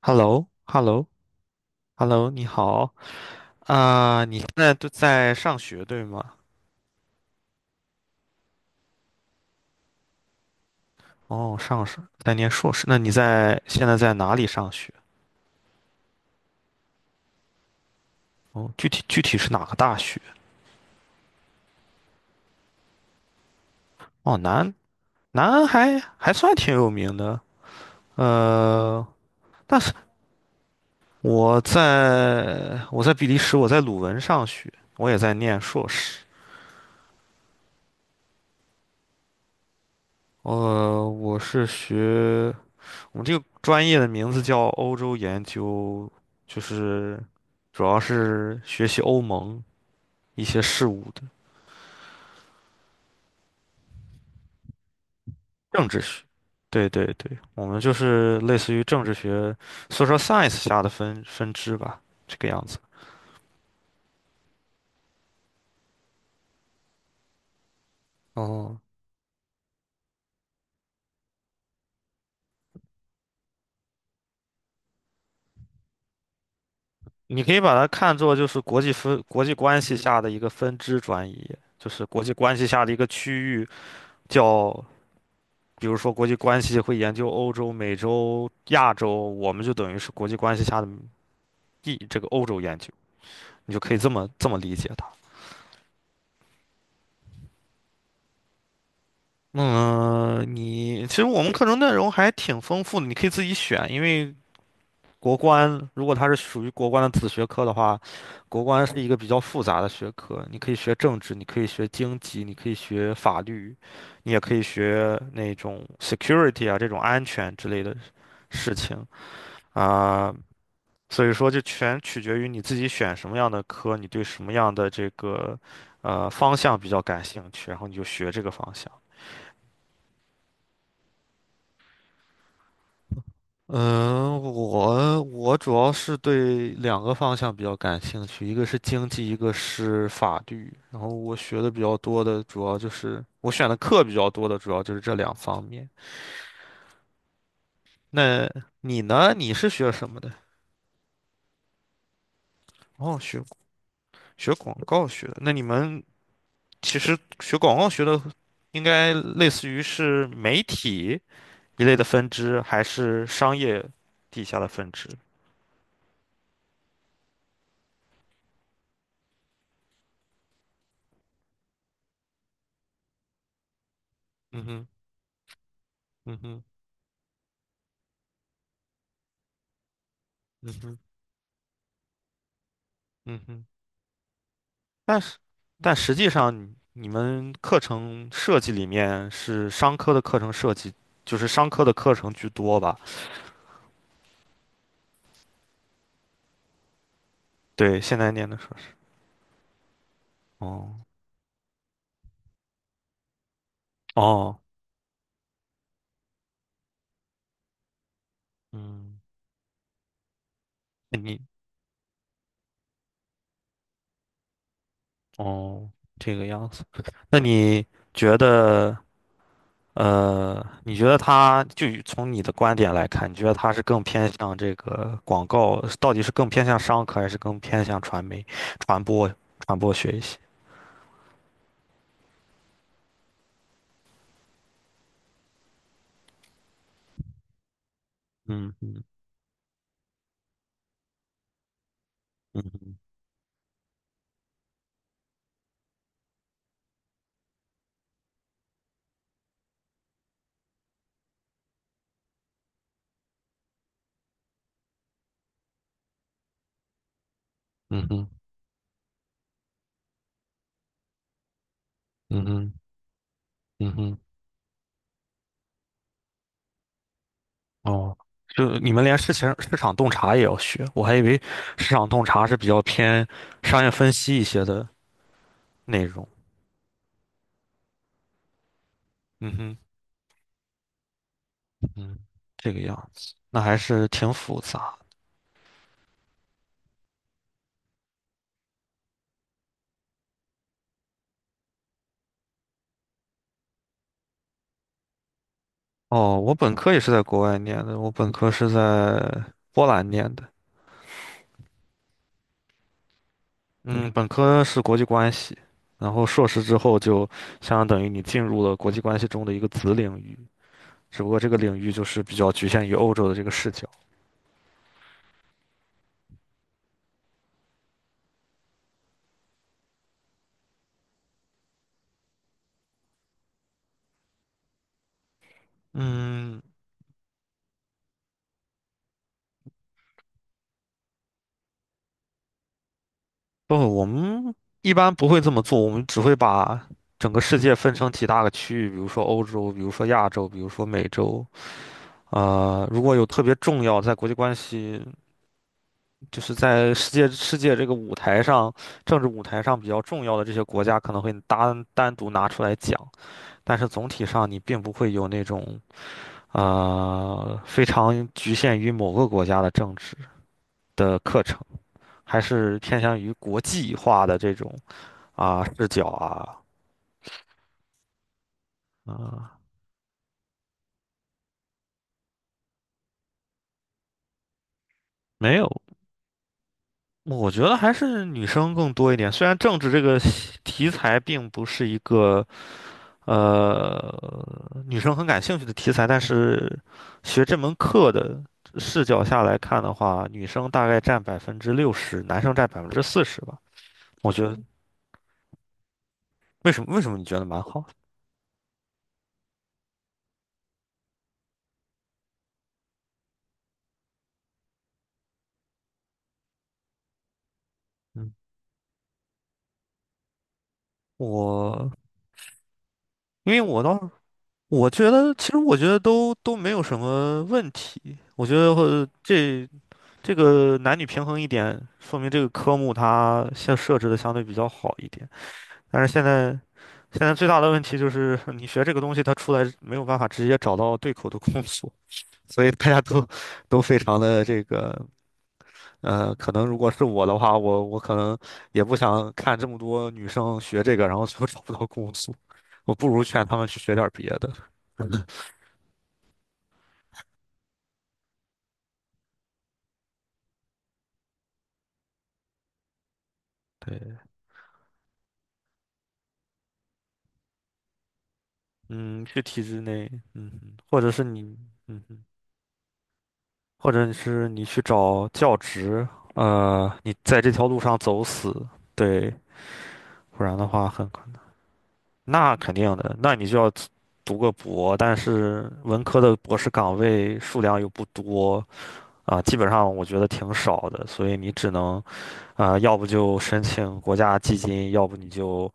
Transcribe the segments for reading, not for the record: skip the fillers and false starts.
h e l l o h e l l o h e l l o， 你好啊。你现在都在上学对吗？哦，上是在念硕士，那你现在在哪里上学？哦，具体是哪个大学？哦，南，南还算挺有名的，呃，但是我在比利时，我在鲁汶上学，我也在念硕士，呃，我是学我们这个专业的名字叫欧洲研究，就是主要是学习欧盟一些事务的政治学。对对对，我们就是类似于政治学 s o c science） 下的分支吧，这个样子。哦，你可以把它看作就是国际关系下的一个分支专业，就是国际关系下的一个区域叫，比如说国际关系会研究欧洲、美洲、亚洲，我们就等于是国际关系下的这个欧洲研究。你就可以这么理解它。嗯，其实我们课程内容还挺丰富的，你可以自己选，因为国关如果它是属于国关的子学科的话，国关是一个比较复杂的学科，你可以学政治，你可以学经济，你可以学法律，你也可以学那种 security 啊这种安全之类的事情啊，所以说就全取决于你自己选什么样的科，你对什么样的这个方向比较感兴趣，然后你就学这个方向。嗯，我主要是对两个方向比较感兴趣，一个是经济，一个是法律。然后我学的比较多的，主要就是我选的课比较多的，主要就是这两方面。那你呢？你是学什么的？哦，学广告学的。那你们其实学广告学的，应该类似于是媒体一类的分支，还是商业底下的分支？嗯哼，嗯哼，嗯哼，嗯哼。但是，但实际上你们课程设计里面是商科的课程设计，就是商科的课程居多吧？对，现在念的硕士。哦哦，嗯，那你哦这个样子，那你觉得呃，你觉得他就以从你的观点来看，你觉得他是更偏向这个广告，到底是更偏向商科，还是更偏向传媒、传播、传播学一些？嗯嗯嗯嗯嗯嗯嗯嗯嗯。哦，就你们连事情市场洞察也要学，我还以为市场洞察是比较偏商业分析一些的内容。嗯哼，嗯，这个样子，那还是挺复杂。哦，我本科也是在国外念的，我本科是在波兰念的。嗯，本科是国际关系，然后硕士之后就相当于你进入了国际关系中的一个子领域，只不过这个领域就是比较局限于欧洲的这个视角。嗯。不，我们一般不会这么做，我们只会把整个世界分成几大个区域，比如说欧洲，比如说亚洲，比如说美洲。呃，如果有特别重要，在国际关系，就是在世界这个舞台上，政治舞台上比较重要的这些国家，可能会单独拿出来讲。但是总体上，你并不会有那种非常局限于某个国家的政治的课程，还是偏向于国际化的这种啊、视角啊。啊，没有，我觉得还是女生更多一点。虽然政治这个题材并不是一个呃女生很感兴趣的题材，但是学这门课的视角下来看的话，女生大概占60%，男生占40%吧。我觉得为什么你觉得蛮好？嗯，我因为我当时。我觉得，其实我觉得都没有什么问题。我觉得这个男女平衡一点，说明这个科目它现设置的相对比较好一点。但是现在最大的问题就是，你学这个东西，它出来没有办法直接找到对口的工作，所以大家都非常的这个可能如果是我的话，我可能也不想看这么多女生学这个，然后最后找不到工作，我不如劝他们去学点别的。对。嗯，去体制内，嗯哼，或者是你，嗯哼，或者是你去找教职，你在这条路上走死，对，不然的话很可能。那肯定的，那你就要读个博，但是文科的博士岗位数量又不多啊，基本上我觉得挺少的，所以你只能啊，要不就申请国家基金，要不你就，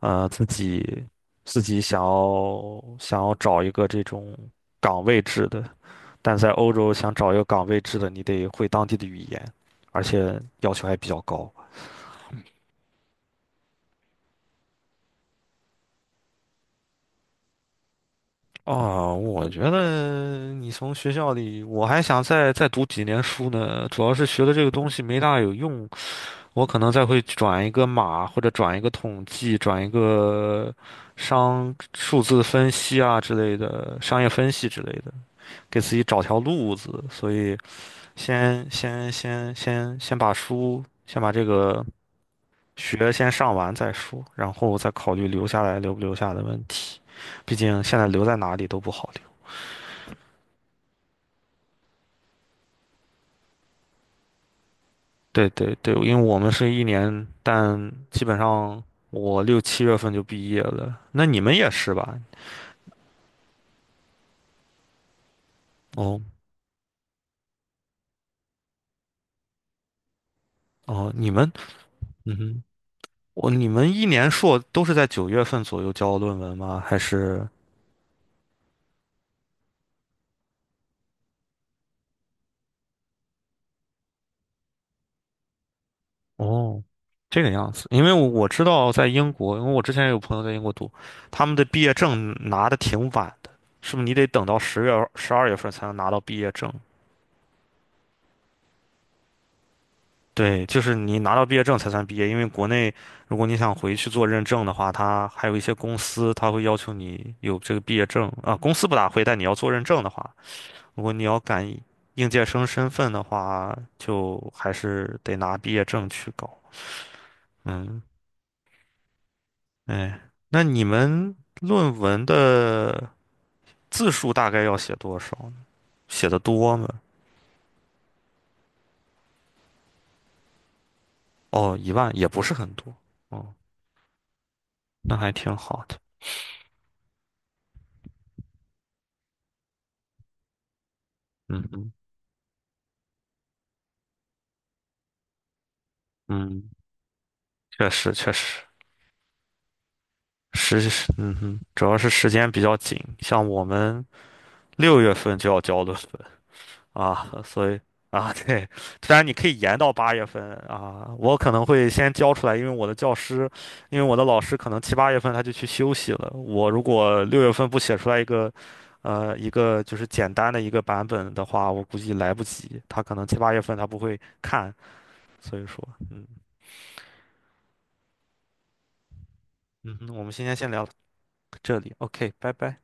呃，自己自己想要找一个这种岗位制的。但在欧洲想找一个岗位制的，你得会当地的语言，而且要求还比较高。哦，我觉得你从学校里，我还想再读几年书呢。主要是学的这个东西没大有用，我可能再会转一个码，或者转一个统计，转一个商数字分析啊之类的，商业分析之类的，给自己找条路子。所以先把书，先把这个学先上完再说，然后再考虑留下来留不留下的问题。毕竟现在留在哪里都不好留。对对对，因为我们是一年，但基本上我6、7月份就毕业了。那你们也是吧？哦哦，嗯哼，你们一年硕都是在9月份左右交论文吗？还是？哦，这个样子，因为我知道在英国，因为我之前有朋友在英国读，他们的毕业证拿的挺晚的，是不是？你得等到10月、12月份才能拿到毕业证？对，就是你拿到毕业证才算毕业，因为国内如果你想回去做认证的话，它还有一些公司，它会要求你有这个毕业证啊，公司不大会，但你要做认证的话，如果你要赶应届生身份的话，就还是得拿毕业证去搞。嗯，哎，那你们论文的字数大概要写多少呢写的多吗？哦，1万也不是很多，哦，那还挺好的。嗯嗯嗯，确实确实，嗯哼，主要是时间比较紧，像我们六月份就要交的文，啊，所以啊，对，虽然你可以延到八月份啊，我可能会先交出来，因为我的老师可能七八月份他就去休息了。我如果六月份不写出来一个，一个就是简单的一个版本的话，我估计来不及。他可能七八月份他不会看，所以说，嗯哼，我们今天先聊到这里，OK，拜拜。